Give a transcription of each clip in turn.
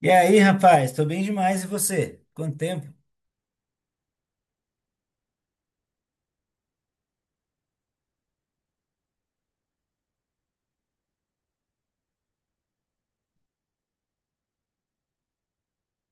E aí, rapaz, tô bem demais, e você? Quanto tempo?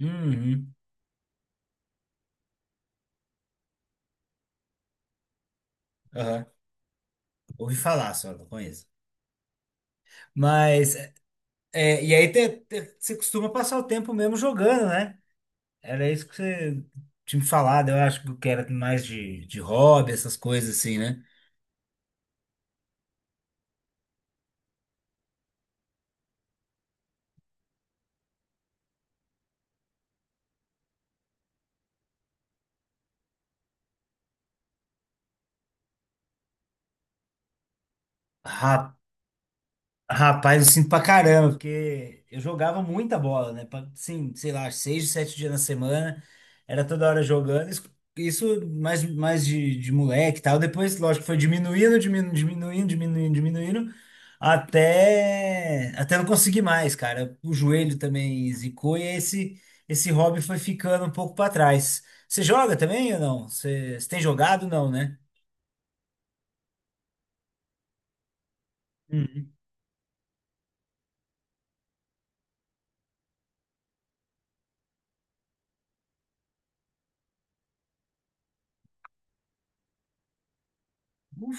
Uhum, aham. Ouvi falar só, não conheço. Mas, é, e aí você costuma passar o tempo mesmo jogando, né? Era isso que você tinha me falado, eu acho que era mais de hobby, essas coisas assim, né? Rapaz, eu sinto pra caramba, porque eu jogava muita bola, né? Pra- Sim, sei lá, seis, sete dias na semana, era toda hora jogando. Isso mais, mais de moleque e tal. Depois, lógico, foi diminuindo, diminuindo, diminuindo, diminuindo, diminuindo, até não conseguir mais, cara. O joelho também zicou e esse hobby foi ficando um pouco pra trás. Você joga também ou não? Você tem jogado? Não, né? Uhum.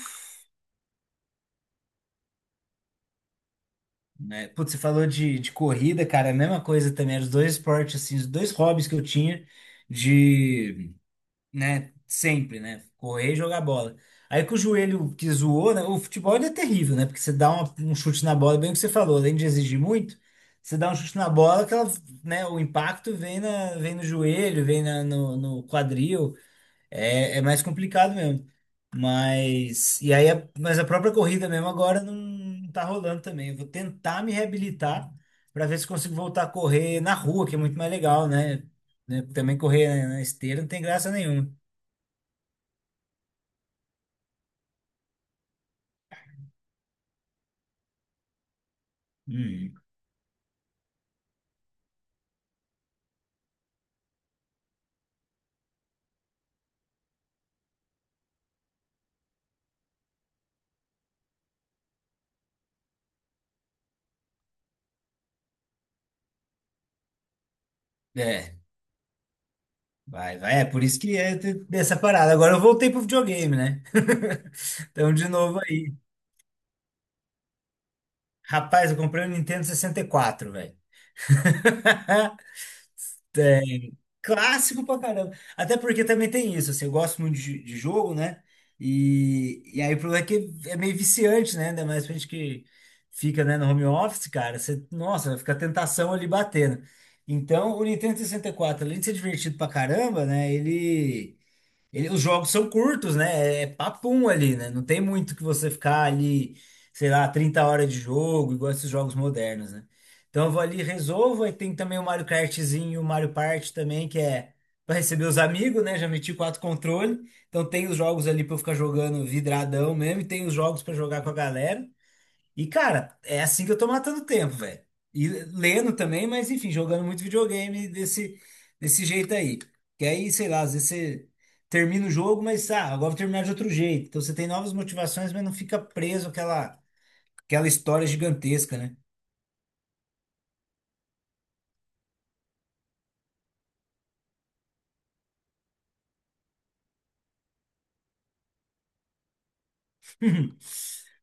Né? Putz, você falou de corrida, cara, a mesma coisa também, eram os dois esportes, assim, os dois hobbies que eu tinha de, né, sempre, né, correr e jogar bola. Aí que o joelho que zoou, né, o futebol ele é terrível, né, porque você dá um chute na bola, bem o que você falou, além de exigir muito, você dá um chute na bola, que ela, né, o impacto vem, na, vem no joelho, vem na- no, no quadril, é, é mais complicado mesmo. Mas, e aí, a- mas a própria corrida mesmo agora não, não tá rolando também. Eu vou tentar me reabilitar para ver se consigo voltar a correr na rua, que é muito mais legal, né? Né? Também correr na esteira não tem graça nenhuma. Hum, é, vai, vai. É por isso que é ter- dessa parada. Agora eu voltei pro videogame, né? Então, de novo aí. Rapaz, eu comprei o Nintendo 64, velho. Tem. Clássico pra caramba. Até porque também tem isso, assim, eu gosto muito de jogo, né? E aí o problema é que é meio viciante, né? Ainda mais pra gente que fica, né, no home office, cara. Você, nossa, fica a tentação ali batendo. Então, o Nintendo 64, além de ser divertido pra caramba, né? Os jogos são curtos, né? É papum ali, né? Não tem muito que você ficar ali, sei lá, 30 horas de jogo, igual esses jogos modernos, né? Então eu vou ali, resolvo. Aí tem também o Mario Kartzinho, o Mario Party também, que é para receber os amigos, né? Já meti 4 controles. Então tem os jogos ali para eu ficar jogando vidradão mesmo, e tem os jogos para jogar com a galera. E cara, é assim que eu tô matando tempo, velho. E lendo também, mas enfim, jogando muito videogame desse jeito aí. Que aí, sei lá, às vezes você termina o jogo, mas ah, agora vou terminar de outro jeito. Então você tem novas motivações, mas não fica preso àquela aquela história gigantesca, né?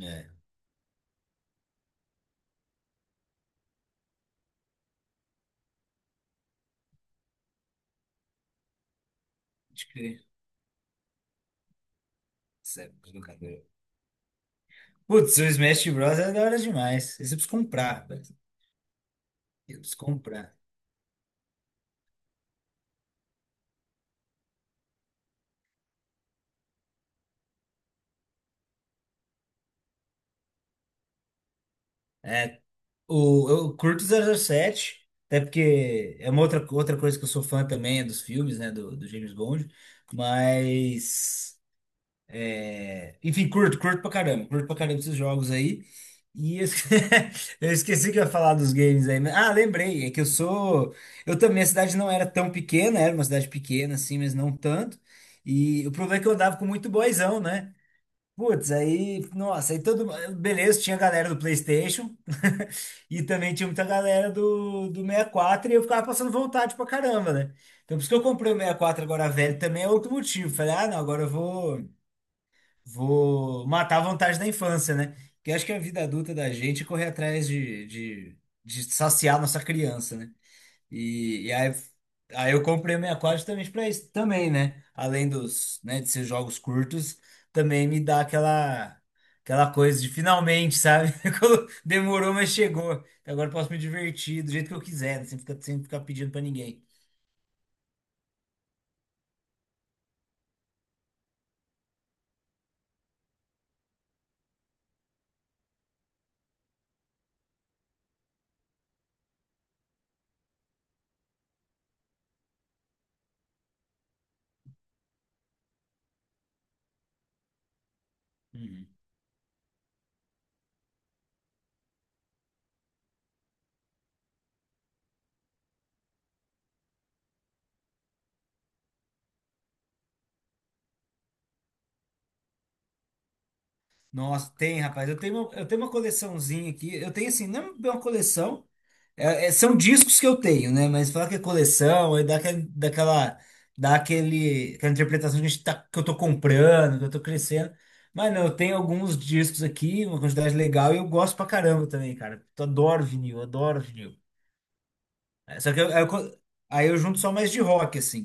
É. Pode crer. Sério, brincadeira. Putz, o Smash Bros. É da hora demais. Esse eu preciso comprar, velho. Eu preciso comprar. É, o, eu curto 007, até porque é uma outra, outra coisa que eu sou fã também, é dos filmes, né, do, do James Bond. Mas. Enfim, curto, curto pra caramba esses jogos aí. E eu esque- eu esqueci que eu ia falar dos games aí. Mas- ah, lembrei, é que eu sou. Eu também, a cidade não era tão pequena, era uma cidade pequena, assim, mas não tanto. E o problema é que eu andava com muito boyzão, né? Putz, aí, nossa, aí todo. Beleza, tinha a galera do PlayStation e também tinha muita galera do, do 64 e quatro e eu ficava passando vontade pra caramba, né? Então, por isso que eu comprei o 64 agora velho também é outro motivo. Falei, ah, não, agora eu vou. Vou matar a vontade da infância, né? Que eu acho que a vida adulta da gente é correr atrás de saciar nossa criança, né? E aí eu comprei o 64 justamente pra isso também, né? Além dos, né, de ser jogos curtos, também me dá aquela, aquela coisa de finalmente, sabe? Quando demorou, mas chegou. Agora eu posso me divertir do jeito que eu quiser, né? Sem ficar pedindo pra ninguém. Uhum. Nossa, tem, rapaz. Eu tenho uma coleçãozinha aqui. Eu tenho assim, não é uma coleção. É- é- são discos que eu tenho, né? Mas falar que é coleção, aí dá aquele, daquela, dá aquele, aquela interpretação que, a gente tá, que eu tô comprando, que eu tô crescendo. Mas não, eu tenho alguns discos aqui, uma quantidade legal, e eu gosto pra caramba também, cara. Eu adoro vinil, adoro vinil. É, só que eu co- aí eu junto só mais de rock, assim.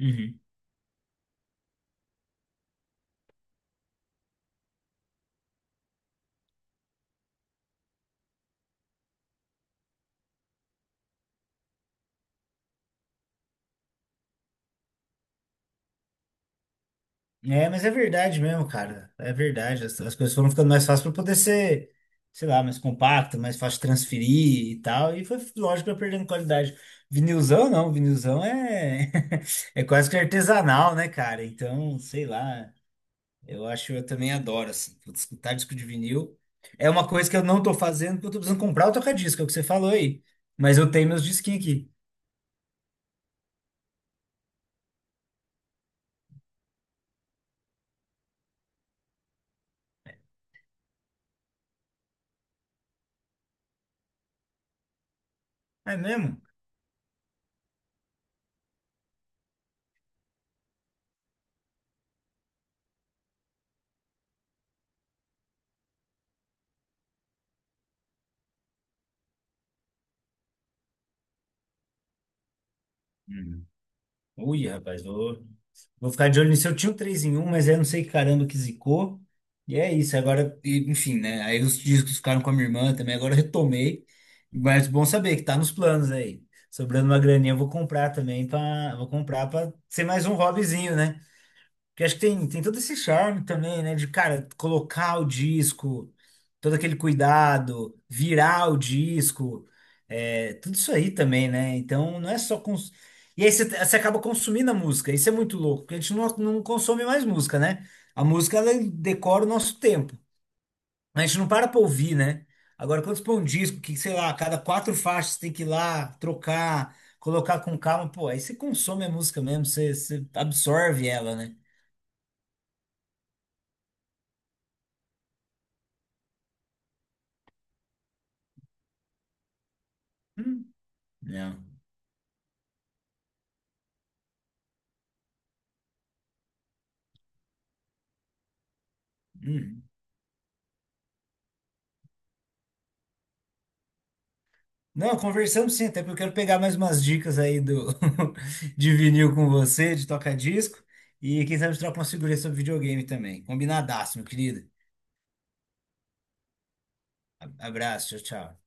Uhum. É, mas é verdade mesmo, cara. É verdade. As coisas foram ficando mais fáceis para poder ser, sei lá, mais compacto, mais fácil de transferir e tal. E foi, lógico, vai perdendo qualidade. Vinilzão, não. Vinilzão é, é quase que artesanal, né, cara? Então, sei lá. Eu acho, eu também adoro, assim. Putz, escutar disco de vinil é uma coisa que eu não tô fazendo porque eu tô precisando comprar o toca-disco, é o que você falou aí. Mas eu tenho meus disquinhos aqui. É mesmo? Uhum. Ui, rapaz, vou. Vou ficar de olho nisso. Eu tinha o 3 em um mas aí eu não sei que caramba que zicou. E é isso. Agora, e- enfim, né? Aí os discos ficaram com a minha irmã também. Agora eu retomei. Mas bom saber que tá nos planos aí. Sobrando uma graninha, eu vou comprar também. Pra, vou comprar pra ser mais um hobbyzinho, né? Porque acho que tem, tem todo esse charme também, né? De, cara, colocar o disco, todo aquele cuidado, virar o disco, é, tudo isso aí também, né? Então não é só. Cons... E aí você, você acaba consumindo a música, isso é muito louco, porque a gente não, não consome mais música, né? A música, ela decora o nosso tempo. A gente não para pra ouvir, né? Agora, quando você põe um disco que, sei lá, a cada 4 faixas tem que ir lá, trocar, colocar com calma, pô, aí você consome a música mesmo, você, você absorve ela, né? Hum. Não. Hum. Não, conversamos sim, até porque eu quero pegar mais umas dicas aí do de vinil com você, de toca-disco. E quem sabe troca uma figurinha sobre videogame também. Combinadaço, meu querido. A- Abraço, tchau, tchau.